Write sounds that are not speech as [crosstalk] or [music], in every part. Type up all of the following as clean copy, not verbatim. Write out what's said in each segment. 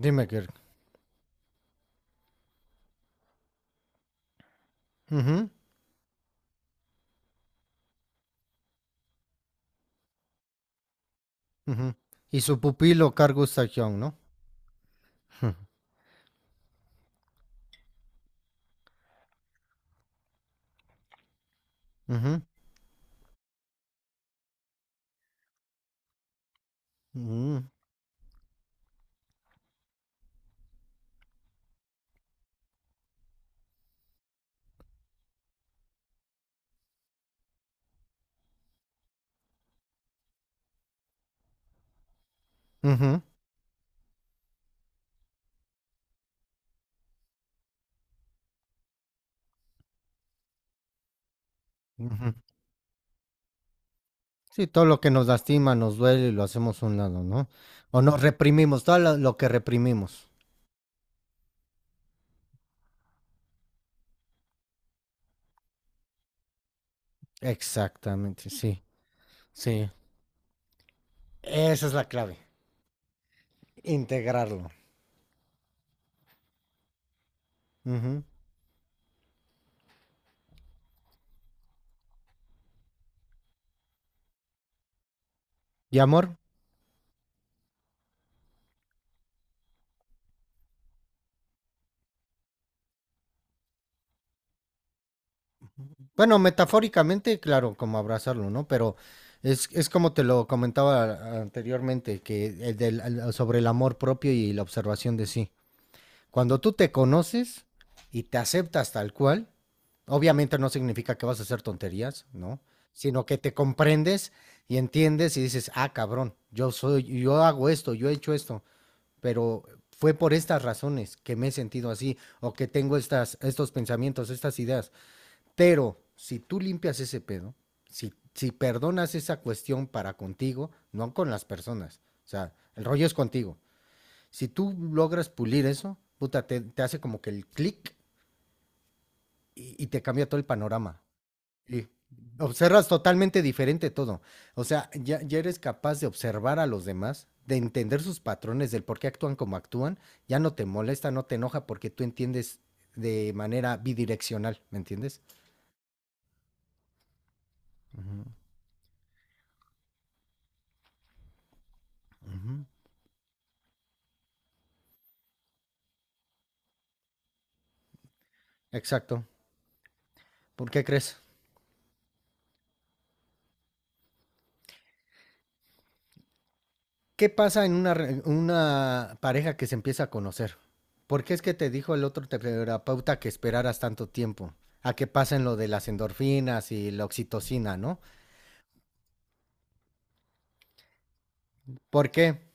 Dime, Kirk. Ujú, ujú. Y su pupilo Carl Gustav Jung, ¿no? [laughs] Ujú, ujú, ujú, ujú. Sí, todo lo que nos lastima, nos duele y lo hacemos a un lado, ¿no? O nos reprimimos, todo lo que reprimimos. Exactamente, sí, sí. Esa es la clave, integrarlo. Ujú. ¿Y amor? Bueno, metafóricamente, claro, como abrazarlo, ¿no? Pero es como te lo comentaba anteriormente, que sobre el amor propio y la observación de sí. Cuando tú te conoces y te aceptas tal cual, obviamente no significa que vas a hacer tonterías, ¿no? Sino que te comprendes y entiendes y dices, ah, cabrón, yo soy, yo hago esto, yo he hecho esto, pero fue por estas razones que me he sentido así o que tengo estas, estos pensamientos, estas ideas. Pero si tú limpias ese pedo, si perdonas esa cuestión para contigo, no con las personas, o sea, el rollo es contigo. Si tú logras pulir eso, puta, te hace como que el clic y te cambia todo el panorama. Sí. Observas totalmente diferente todo. O sea, ya eres capaz de observar a los demás, de entender sus patrones, del por qué actúan como actúan. Ya no te molesta, no te enoja porque tú entiendes de manera bidireccional, ¿me entiendes? Ujú. Ujú. Exacto. ¿Por qué crees? ¿Qué pasa en una, una pareja que se empieza a conocer? ¿Por qué es que te dijo el otro terapeuta que esperaras tanto tiempo? A que pasen lo de las endorfinas y la oxitocina, ¿no? ¿Por qué?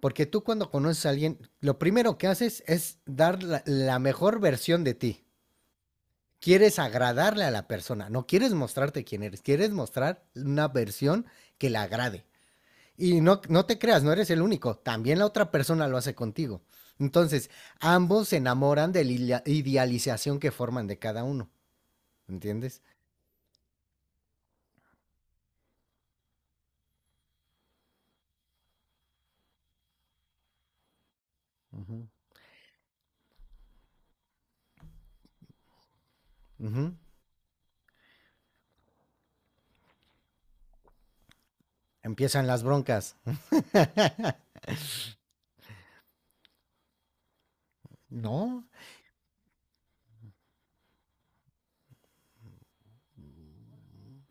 Porque tú cuando conoces a alguien, lo primero que haces es dar la mejor versión de ti. Quieres agradarle a la persona, no quieres mostrarte quién eres, quieres mostrar una versión que le agrade. Y no, no te creas, no eres el único, también la otra persona lo hace contigo. Entonces, ambos se enamoran de la idealización que forman de cada uno, ¿entiendes? Ujú. Ujú. Empiezan las broncas. No,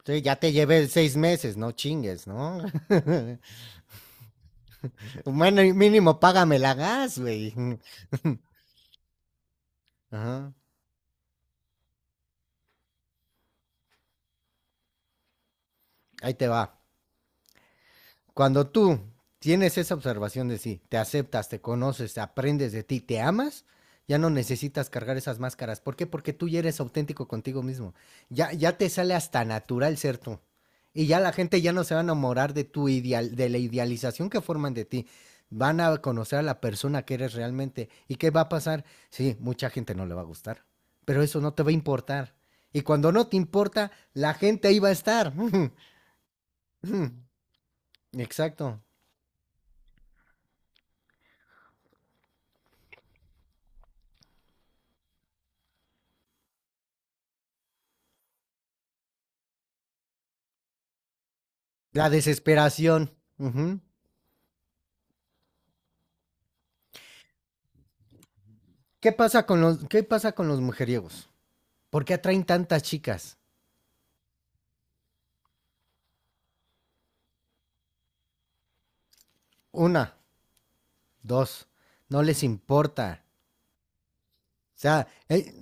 sí, ya te llevé 6 meses, no chingues, ¿no? [laughs] Bueno, y mínimo págame la gas, güey. Ajá, ahí te va. Cuando tú tienes esa observación de sí, te aceptas, te conoces, aprendes de ti, te amas, ya no necesitas cargar esas máscaras. ¿Por qué? Porque tú ya eres auténtico contigo mismo. Ya te sale hasta natural ser tú. Y ya la gente ya no se va a enamorar de tu ideal, de la idealización que forman de ti. Van a conocer a la persona que eres realmente. ¿Y qué va a pasar? Sí, mucha gente no le va a gustar, pero eso no te va a importar. Y cuando no te importa, la gente ahí va a estar. [laughs] Exacto. La desesperación. Ujú. ¿Qué pasa con los, qué pasa con los mujeriegos? ¿Por qué atraen tantas chicas? Una, dos, no les importa. O sea, eh,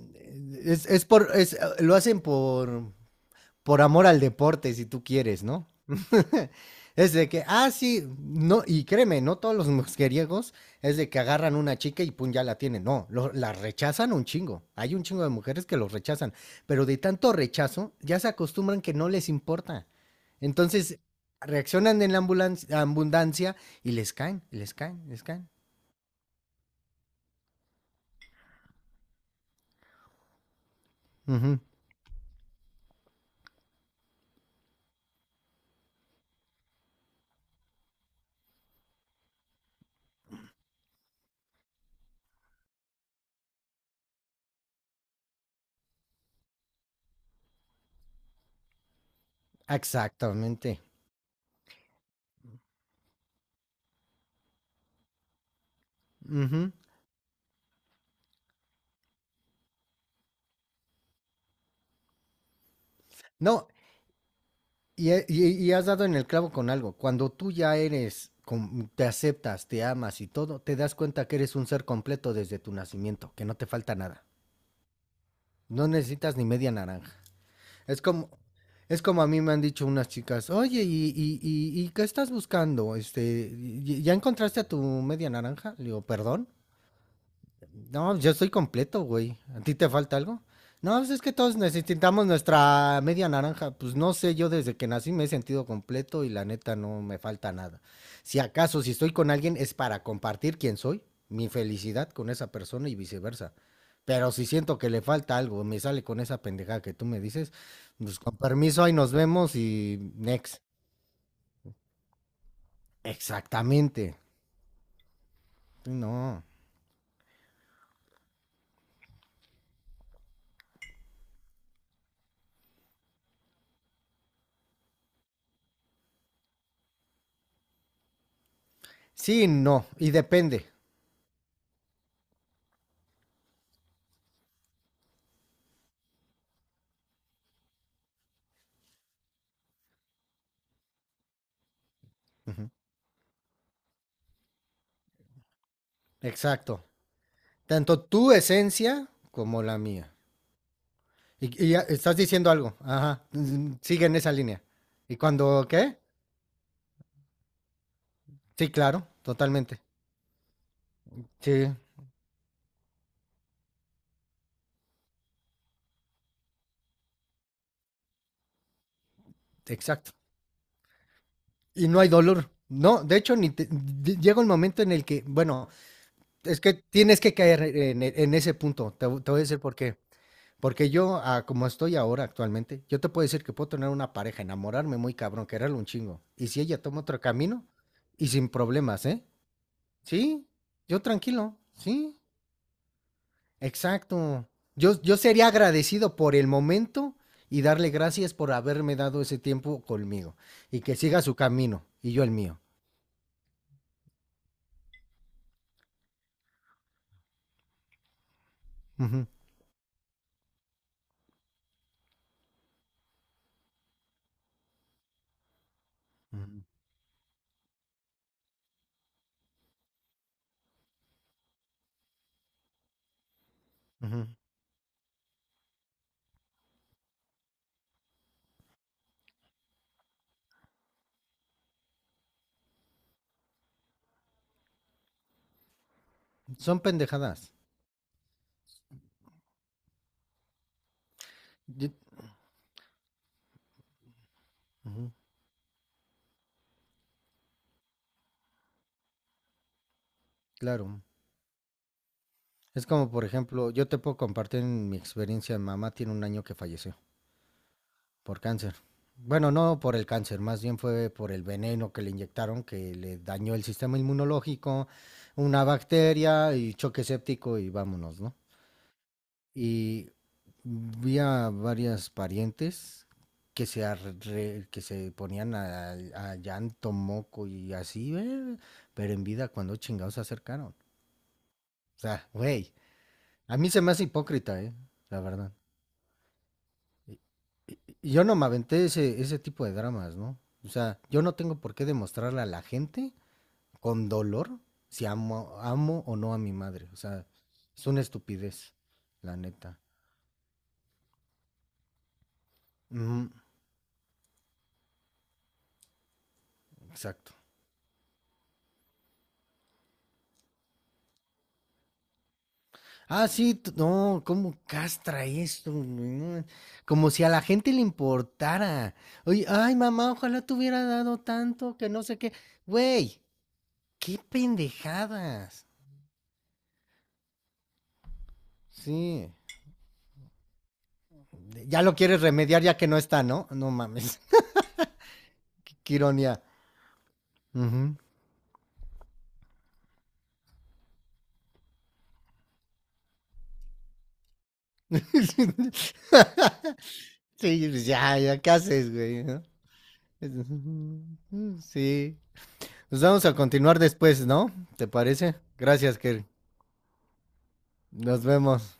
es, es por, es, eh, lo hacen por amor al deporte, si tú quieres, ¿no? [laughs] Es de que, ah, sí, no, y créeme, no todos los mujeriegos es de que agarran una chica y pum, ya la tienen. No, la rechazan un chingo. Hay un chingo de mujeres que los rechazan, pero de tanto rechazo ya se acostumbran que no les importa. Entonces reaccionan en la abundancia y les caen, les caen. Ujú, exactamente. Ujú. No, y, has dado en el clavo con algo. Cuando tú ya eres, te aceptas, te amas y todo, te das cuenta que eres un ser completo desde tu nacimiento, que no te falta nada. No necesitas ni media naranja. Es como, es como a mí me han dicho unas chicas, oye, ¿y qué estás buscando? Este, ¿ya encontraste a tu media naranja? Le digo, perdón. No, yo estoy completo, güey. ¿A ti te falta algo? No, pues es que todos necesitamos nuestra media naranja. Pues no sé, yo desde que nací me he sentido completo y la neta no me falta nada. Si acaso, si estoy con alguien es para compartir quién soy, mi felicidad con esa persona y viceversa. Pero si siento que le falta algo, me sale con esa pendejada que tú me dices, pues con permiso, ahí nos vemos y next. Exactamente. No. Sí, no. Y depende. Ujú. Exacto. Tanto tu esencia como la mía. Y ya estás diciendo algo. Ajá. Mm, sigue en esa línea. ¿Y cuando qué? Sí, claro, totalmente. Sí, exacto. Y no hay dolor. No, de hecho, ni te- di- llega un momento en el que, bueno, es que tienes que caer en, en ese punto. Te voy a decir por qué. Porque yo, ah, como estoy ahora actualmente, yo te puedo decir que puedo tener una pareja, enamorarme muy cabrón, quererlo un chingo. Y si ella toma otro camino, y sin problemas, ¿eh? Sí, yo tranquilo, sí. Exacto. Yo sería agradecido por el momento y darle gracias por haberme dado ese tiempo conmigo y que siga su camino y yo el mío. Ujú, ujú, ujú. Son pendejadas. Yo- ujú, claro. Es como, por ejemplo, yo te puedo compartir en mi experiencia. Mi mamá tiene un año que falleció por cáncer. Bueno, no por el cáncer, más bien fue por el veneno que le inyectaron que le dañó el sistema inmunológico, una bacteria y choque séptico y vámonos, ¿no? Y vi a varias parientes que se, que se ponían a llanto, moco y así, pero en vida cuando chingados se acercaron. O sea, güey, a mí se me hace hipócrita, la verdad. Y- Yo no me aventé ese tipo de dramas, ¿no? O sea, yo no tengo por qué demostrarle a la gente con dolor si amo o no a mi madre. O sea, es una estupidez, la neta. Ujú, exacto. Ah, sí, t- no, cómo castra esto, no, como si a la gente le importara. Oye, ay, mamá, ojalá te hubiera dado tanto, que no sé qué. Güey, qué pendejadas. Sí, ya lo quieres remediar ya que no está, ¿no? No mames, [laughs] qué ironía. Ujú. [laughs] Sí, pues ¿qué haces, güey? ¿No? [laughs] Sí. Nos vamos a continuar después, ¿no? ¿Te parece? Gracias, Kerry. Nos vemos.